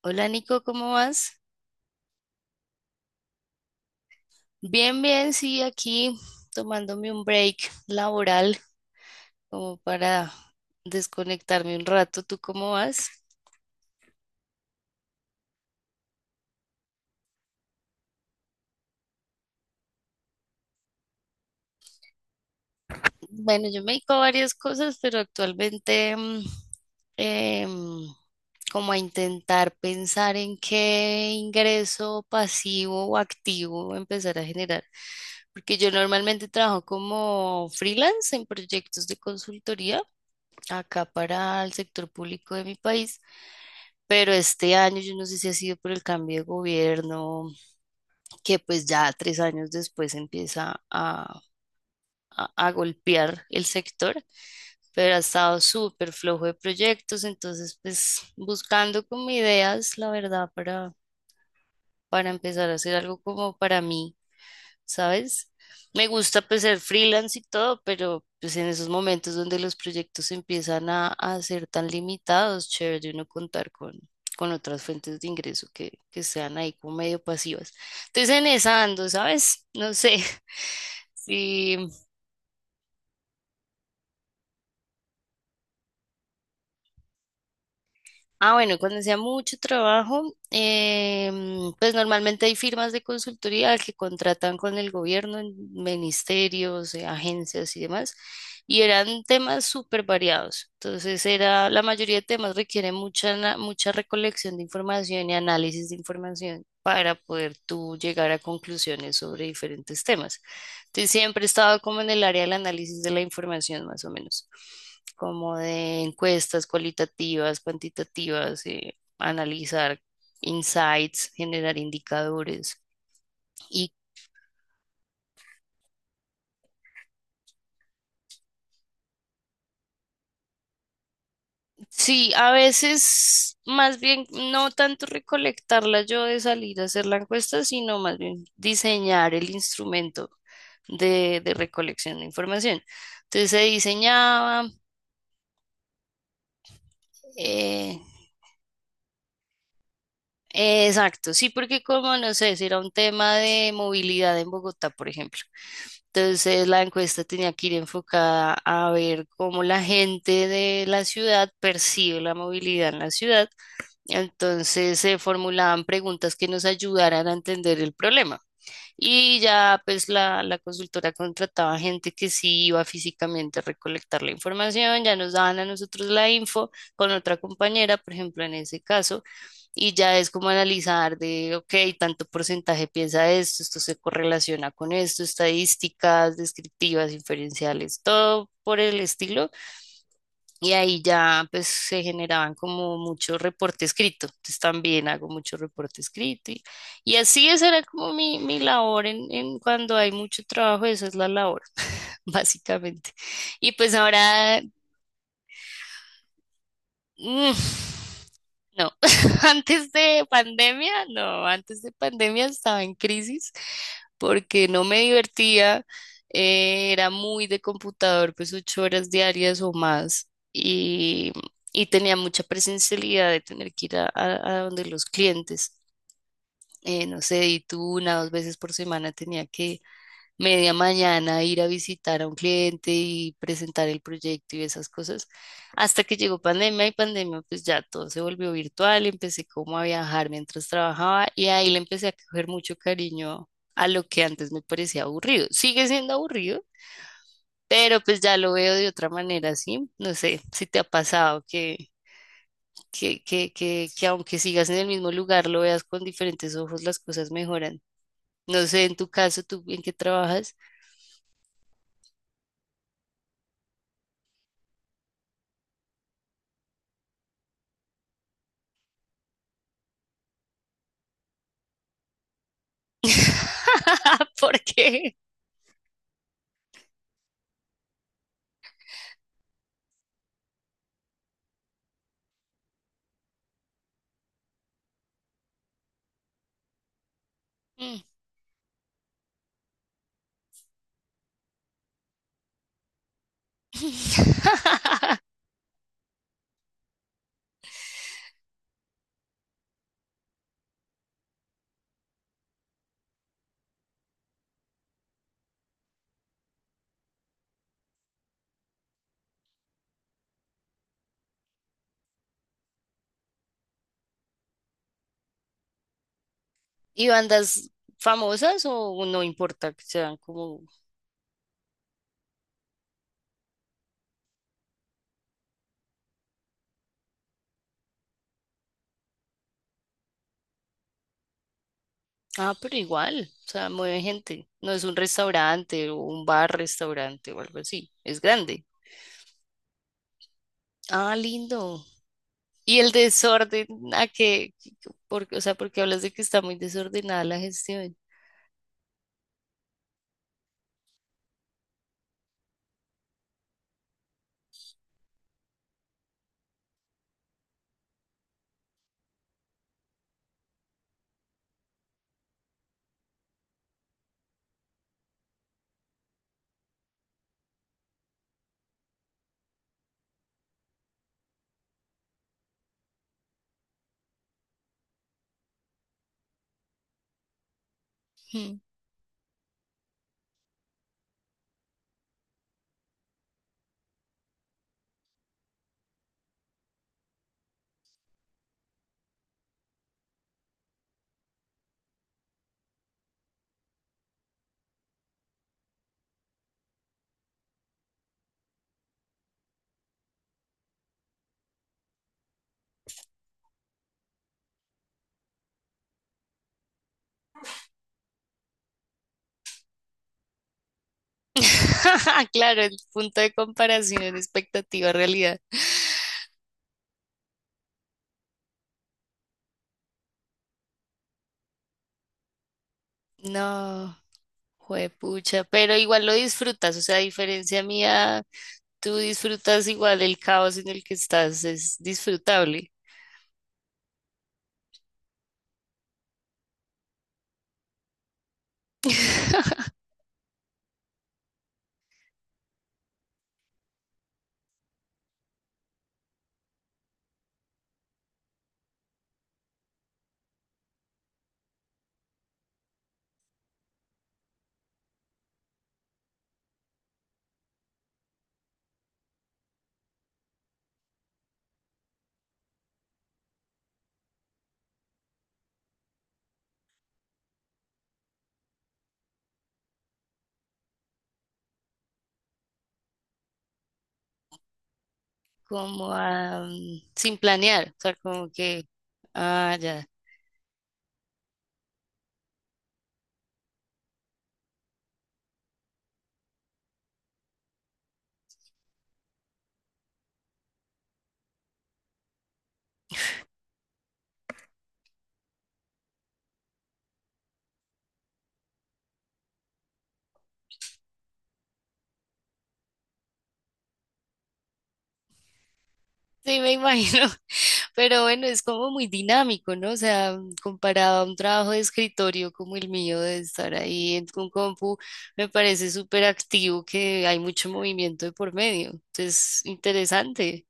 Hola Nico, ¿cómo vas? Bien, bien, sí, aquí tomándome un break laboral como para desconectarme un rato. ¿Tú cómo vas? Bueno, yo me dedico a varias cosas, pero actualmente em, como a intentar pensar en qué ingreso pasivo o activo empezar a generar. Porque yo normalmente trabajo como freelance en proyectos de consultoría acá para el sector público de mi país, pero este año yo no sé si ha sido por el cambio de gobierno, que pues ya 3 años después empieza a golpear el sector, pero ha estado súper flojo de proyectos, entonces pues buscando como ideas, la verdad, para empezar a hacer algo como para mí, ¿sabes? Me gusta pues ser freelance y todo, pero pues en esos momentos donde los proyectos empiezan a ser tan limitados, chévere de uno contar con otras fuentes de ingreso que sean ahí como medio pasivas. Entonces en esa ando, ¿sabes? No sé si. Ah, bueno, cuando sea mucho trabajo, pues normalmente hay firmas de consultoría que contratan con el gobierno, en ministerios, agencias y demás, y eran temas súper variados. Entonces, era, la mayoría de temas requiere mucha, mucha recolección de información y análisis de información para poder tú llegar a conclusiones sobre diferentes temas. Sí, siempre he estado como en el área del análisis de la información, más o menos, como de encuestas cualitativas, cuantitativas, analizar insights, generar indicadores. Y sí, a veces más bien no tanto recolectarla yo de salir a hacer la encuesta, sino más bien diseñar el instrumento de recolección de información. Entonces se diseñaba, eh, exacto, sí, porque como no sé, si era un tema de movilidad en Bogotá, por ejemplo. Entonces la encuesta tenía que ir enfocada a ver cómo la gente de la ciudad percibe la movilidad en la ciudad. Entonces se formulaban preguntas que nos ayudaran a entender el problema. Y ya pues la consultora contrataba gente que sí iba físicamente a recolectar la información, ya nos daban a nosotros la info con otra compañera, por ejemplo, en ese caso, y ya es como analizar de, ok, tanto porcentaje piensa esto, esto se correlaciona con esto, estadísticas descriptivas, inferenciales, todo por el estilo. Y ahí ya pues se generaban como mucho reporte escrito. Entonces también hago mucho reporte escrito. Y así esa era como mi labor en cuando hay mucho trabajo, esa es la labor, básicamente. Y pues ahora. Mm, no, antes de pandemia, no, antes de pandemia estaba en crisis porque no me divertía, era muy de computador, pues 8 horas diarias o más y tenía mucha presencialidad de tener que ir a donde los clientes, no sé, y tú una dos veces por semana tenía que media mañana ir a visitar a un cliente y presentar el proyecto y esas cosas. Hasta que llegó pandemia y pandemia, pues ya todo se volvió virtual, empecé como a viajar mientras trabajaba y ahí le empecé a coger mucho cariño a lo que antes me parecía aburrido. Sigue siendo aburrido, pero pues ya lo veo de otra manera, ¿sí? No sé si te ha pasado que... Que aunque sigas en el mismo lugar, lo veas con diferentes ojos, las cosas mejoran. No sé, en tu caso, ¿tú en qué trabajas? ¿Por qué? Mm. ¿Y bandas famosas o no importa que sean como... Ah, pero igual, o sea, mueve gente. No es un restaurante o un bar restaurante o algo así. Es grande. Ah, lindo. ¿Y el desorden? ¿A qué? Porque, o sea, porque hablas de que está muy desordenada la gestión. Mm. Claro, el punto de comparación, expectativa, realidad. No. Juepucha, pero igual lo disfrutas, o sea, a diferencia mía, tú disfrutas igual el caos en el que estás, es disfrutable, como ah, sin planear, o sea, como que, ah, ya, sí, me imagino, pero bueno, es como muy dinámico, ¿no? O sea, comparado a un trabajo de escritorio como el mío, de estar ahí en un compu, me parece súper activo que hay mucho movimiento de por medio, entonces, interesante.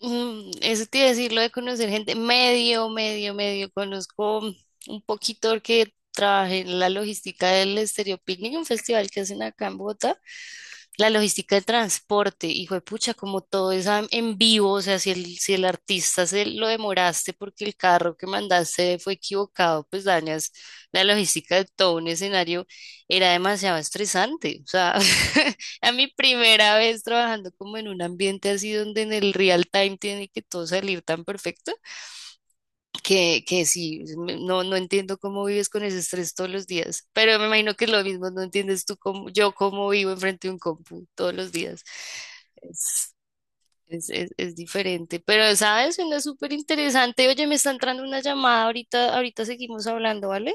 Mm, eso te iba a decir, lo de conocer gente, medio, medio, medio, conozco un poquito que trabajé en la logística del Estéreo Picnic, un festival que hacen acá en Bogotá, la logística del transporte, hijo de pucha, como todo es en vivo, o sea, si el, si el artista se lo demoraste porque el carro que mandaste fue equivocado, pues dañas la logística de todo un escenario, era demasiado estresante, o sea, a mi primera vez trabajando como en un ambiente así donde en el real time tiene que todo salir tan perfecto, que sí, no, no entiendo cómo vives con ese estrés todos los días, pero me imagino que es lo mismo, no entiendes tú cómo, yo cómo vivo enfrente de un compu todos los días. Es, es diferente, pero sabes, suena súper interesante. Oye, me está entrando una llamada, ahorita, ahorita seguimos hablando, ¿vale?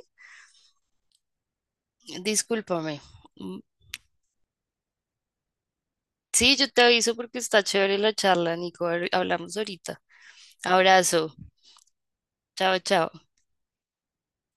Discúlpame. Mm, sí, yo te aviso porque está chévere la charla, Nico. A ver, hablamos ahorita. Abrazo. Chao, chao.